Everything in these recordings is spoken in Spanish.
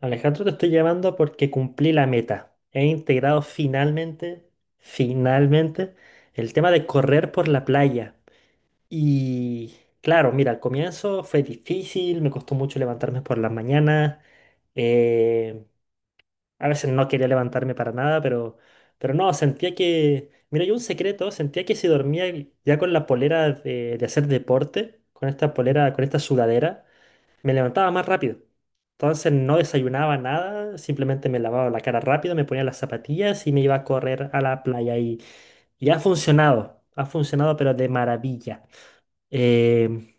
Alejandro, te estoy llamando porque cumplí la meta. He integrado finalmente, el tema de correr por la playa. Y claro, mira, al comienzo fue difícil, me costó mucho levantarme por las mañanas. eh, a veces no quería levantarme para nada, pero no, sentía que, mira, yo un secreto, sentía que si dormía ya con la polera de hacer deporte, con esta polera, con esta sudadera. Me levantaba más rápido. Entonces no desayunaba nada, simplemente me lavaba la cara rápido, me ponía las zapatillas y me iba a correr a la playa. Y ha funcionado pero de maravilla. Eh,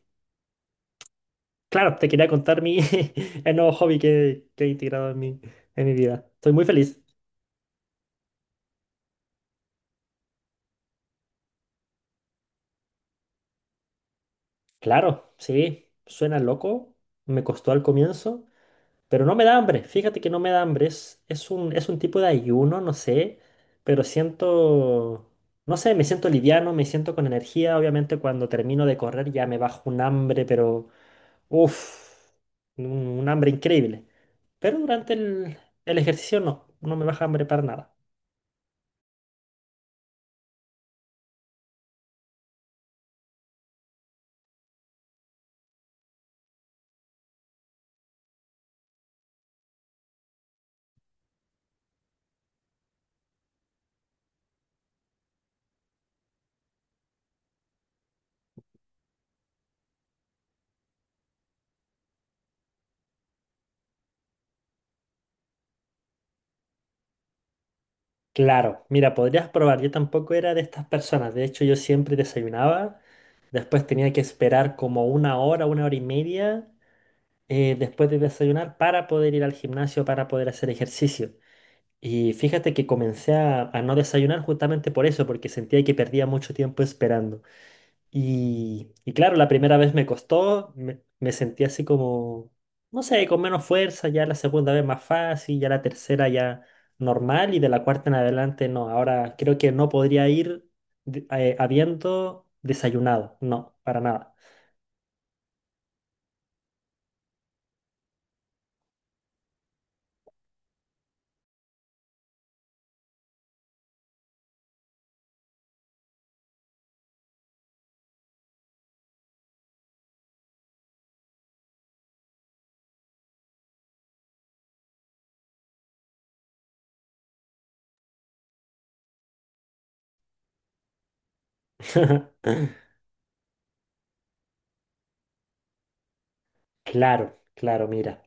claro, te quería contar mi, el nuevo hobby que he integrado en en mi vida. Estoy muy feliz. Claro, sí, suena loco, me costó al comienzo. Pero no me da hambre, fíjate que no me da hambre, es un tipo de ayuno, no sé, pero siento, no sé, me siento liviano, me siento con energía, obviamente cuando termino de correr ya me bajo un hambre, pero uff, un, un hambre increíble. Pero durante el ejercicio no, no me baja hambre para nada. Claro, mira, podrías probar, yo tampoco era de estas personas, de hecho yo siempre desayunaba, después tenía que esperar como una hora y media. Después de desayunar para poder ir al gimnasio, para poder hacer ejercicio. Y fíjate que comencé a no desayunar justamente por eso, porque sentía que perdía mucho tiempo esperando. Y claro, la primera vez me costó, me sentí así como, no sé, con menos fuerza, ya la segunda vez más fácil, ya la tercera ya normal y de la cuarta en adelante no. Ahora creo que no podría ir habiendo desayunado, no, para nada. Claro, claro, mira.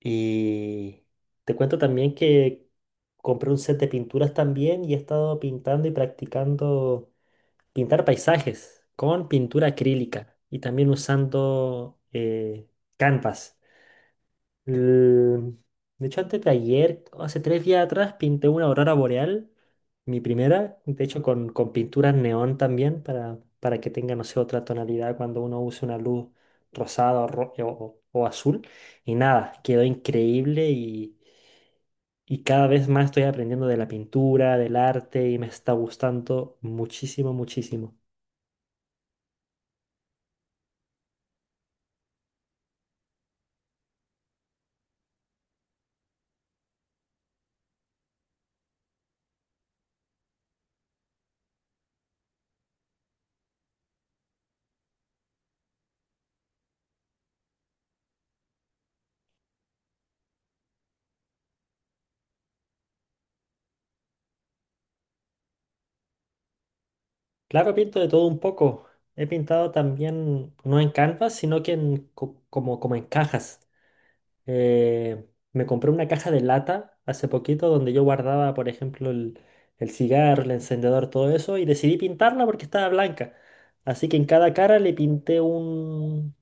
Y te cuento también que compré un set de pinturas también y he estado pintando y practicando pintar paisajes con pintura acrílica y también usando canvas. El- De hecho, antes de ayer, hace 3 días atrás, pinté una aurora boreal, mi primera, de hecho con pinturas neón también, para que tenga, no sé, otra tonalidad cuando uno use una luz rosada o azul. Y nada, quedó increíble y cada vez más estoy aprendiendo de la pintura, del arte y me está gustando muchísimo, muchísimo. Claro, pinto de todo un poco. He pintado también, no en canvas, sino que como en cajas. Eh, Me compré una caja de lata hace poquito donde yo guardaba, por ejemplo, el cigarro, el encendedor, todo eso, y decidí pintarla porque estaba blanca. Así que en cada cara le pinté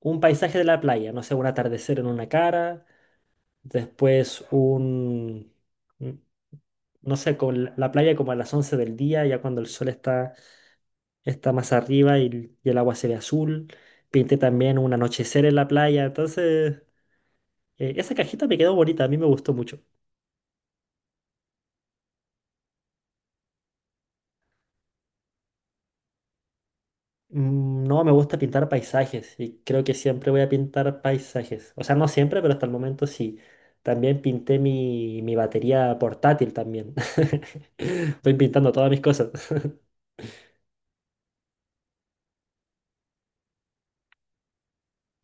un paisaje de la playa, no sé, un atardecer en una cara, después un, un- no sé, con la playa como a las 11 del día, ya cuando el sol está más arriba y el agua se ve azul. Pinté también un anochecer en la playa, entonces esa cajita me quedó bonita, a mí me gustó mucho. No, me gusta pintar paisajes y creo que siempre voy a pintar paisajes. O sea, no siempre, pero hasta el momento sí. También pinté mi batería portátil también. Estoy pintando todas mis cosas.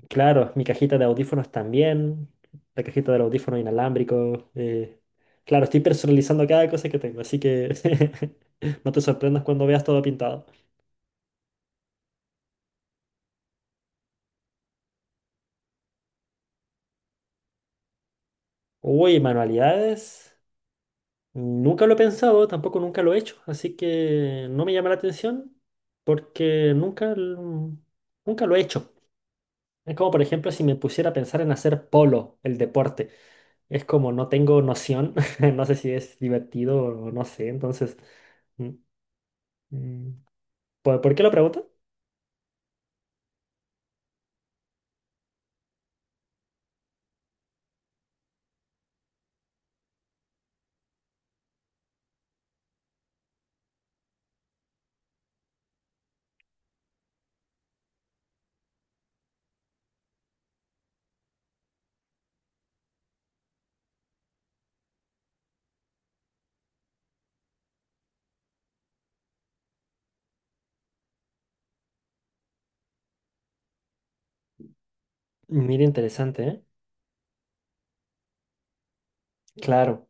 Claro, mi cajita de audífonos también, la cajita del audífono inalámbrico. Claro, estoy personalizando cada cosa que tengo, así que no te sorprendas cuando veas todo pintado. Uy, manualidades. Nunca lo he pensado, tampoco nunca lo he hecho, así que no me llama la atención porque nunca lo he hecho. Es como, por ejemplo, si me pusiera a pensar en hacer polo, el deporte. Es como no tengo noción, no sé si es divertido o no sé, entonces mm, mm, ¿por qué lo pregunta? Mira, interesante, ¿eh? Claro.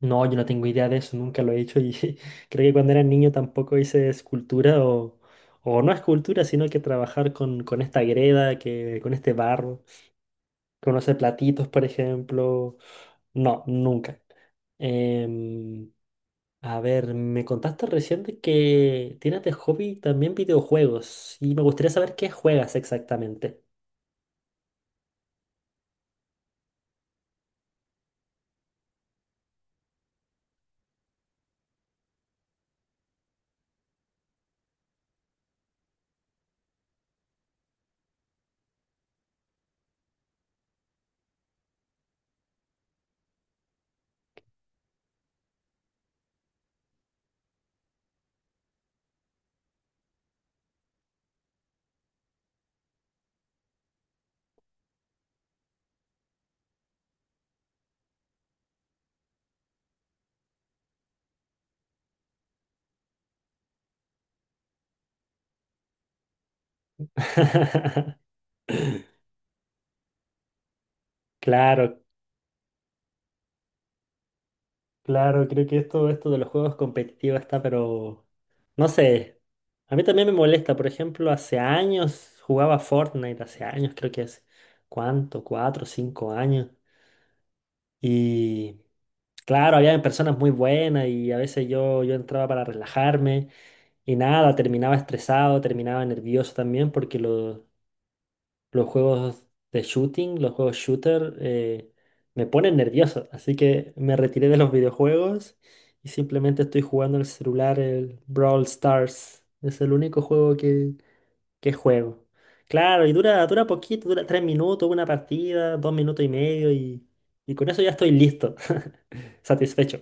No, yo no tengo idea de eso, nunca lo he hecho y creo que cuando era niño tampoco hice escultura o no escultura, sino que trabajar con esta greda, que, con este barro, con hacer platitos, por ejemplo. No, nunca. Em, a ver, me contaste recién de que tienes de hobby también videojuegos y me gustaría saber qué juegas exactamente. Claro. Claro, creo que esto de los juegos competitivos está, pero no sé. A mí también me molesta. Por ejemplo, hace años jugaba Fortnite, hace años, creo que hace, ¿cuánto? 4, 5 años. Y claro, había personas muy buenas y a veces yo entraba para relajarme y nada, terminaba estresado, terminaba nervioso también porque los juegos de shooting, los juegos shooter, me ponen nervioso. Así que me retiré de los videojuegos y simplemente estoy jugando en el celular el Brawl Stars. Es el único juego que juego. Claro, y dura, dura poquito, dura 3 minutos, una partida, 2 minutos y medio y con eso ya estoy listo, satisfecho.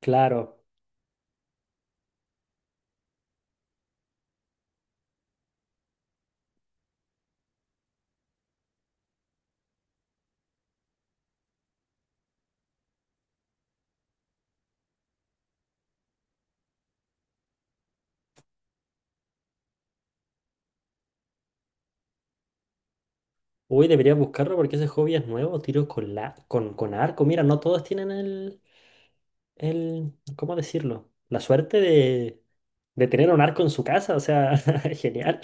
Claro. Uy, debería buscarlo porque ese hobby es nuevo, tiro con arco. Mira, no todos tienen el, ¿cómo decirlo? La suerte de tener un arco en su casa, o sea, genial.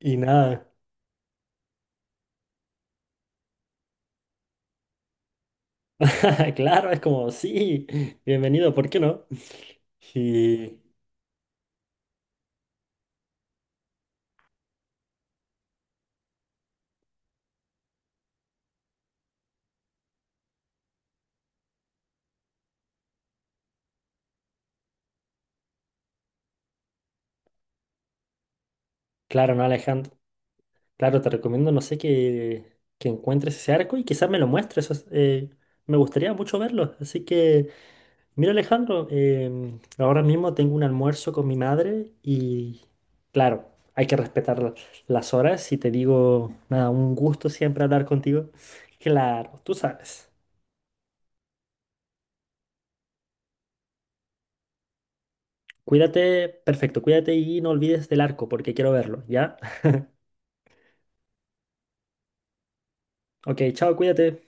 Y nada, claro, es como, sí, bienvenido, ¿por qué no? Y claro, no, Alejandro, claro, te recomiendo, no sé, que encuentres ese arco y quizás me lo muestres, me gustaría mucho verlo. Así que, mira, Alejandro, ahora mismo tengo un almuerzo con mi madre y, claro, hay que respetar las horas y te digo, nada, un gusto siempre hablar contigo. Claro, tú sabes. Cuídate, perfecto, cuídate y no olvides del arco porque quiero verlo, ¿ya? Ok, chao, cuídate.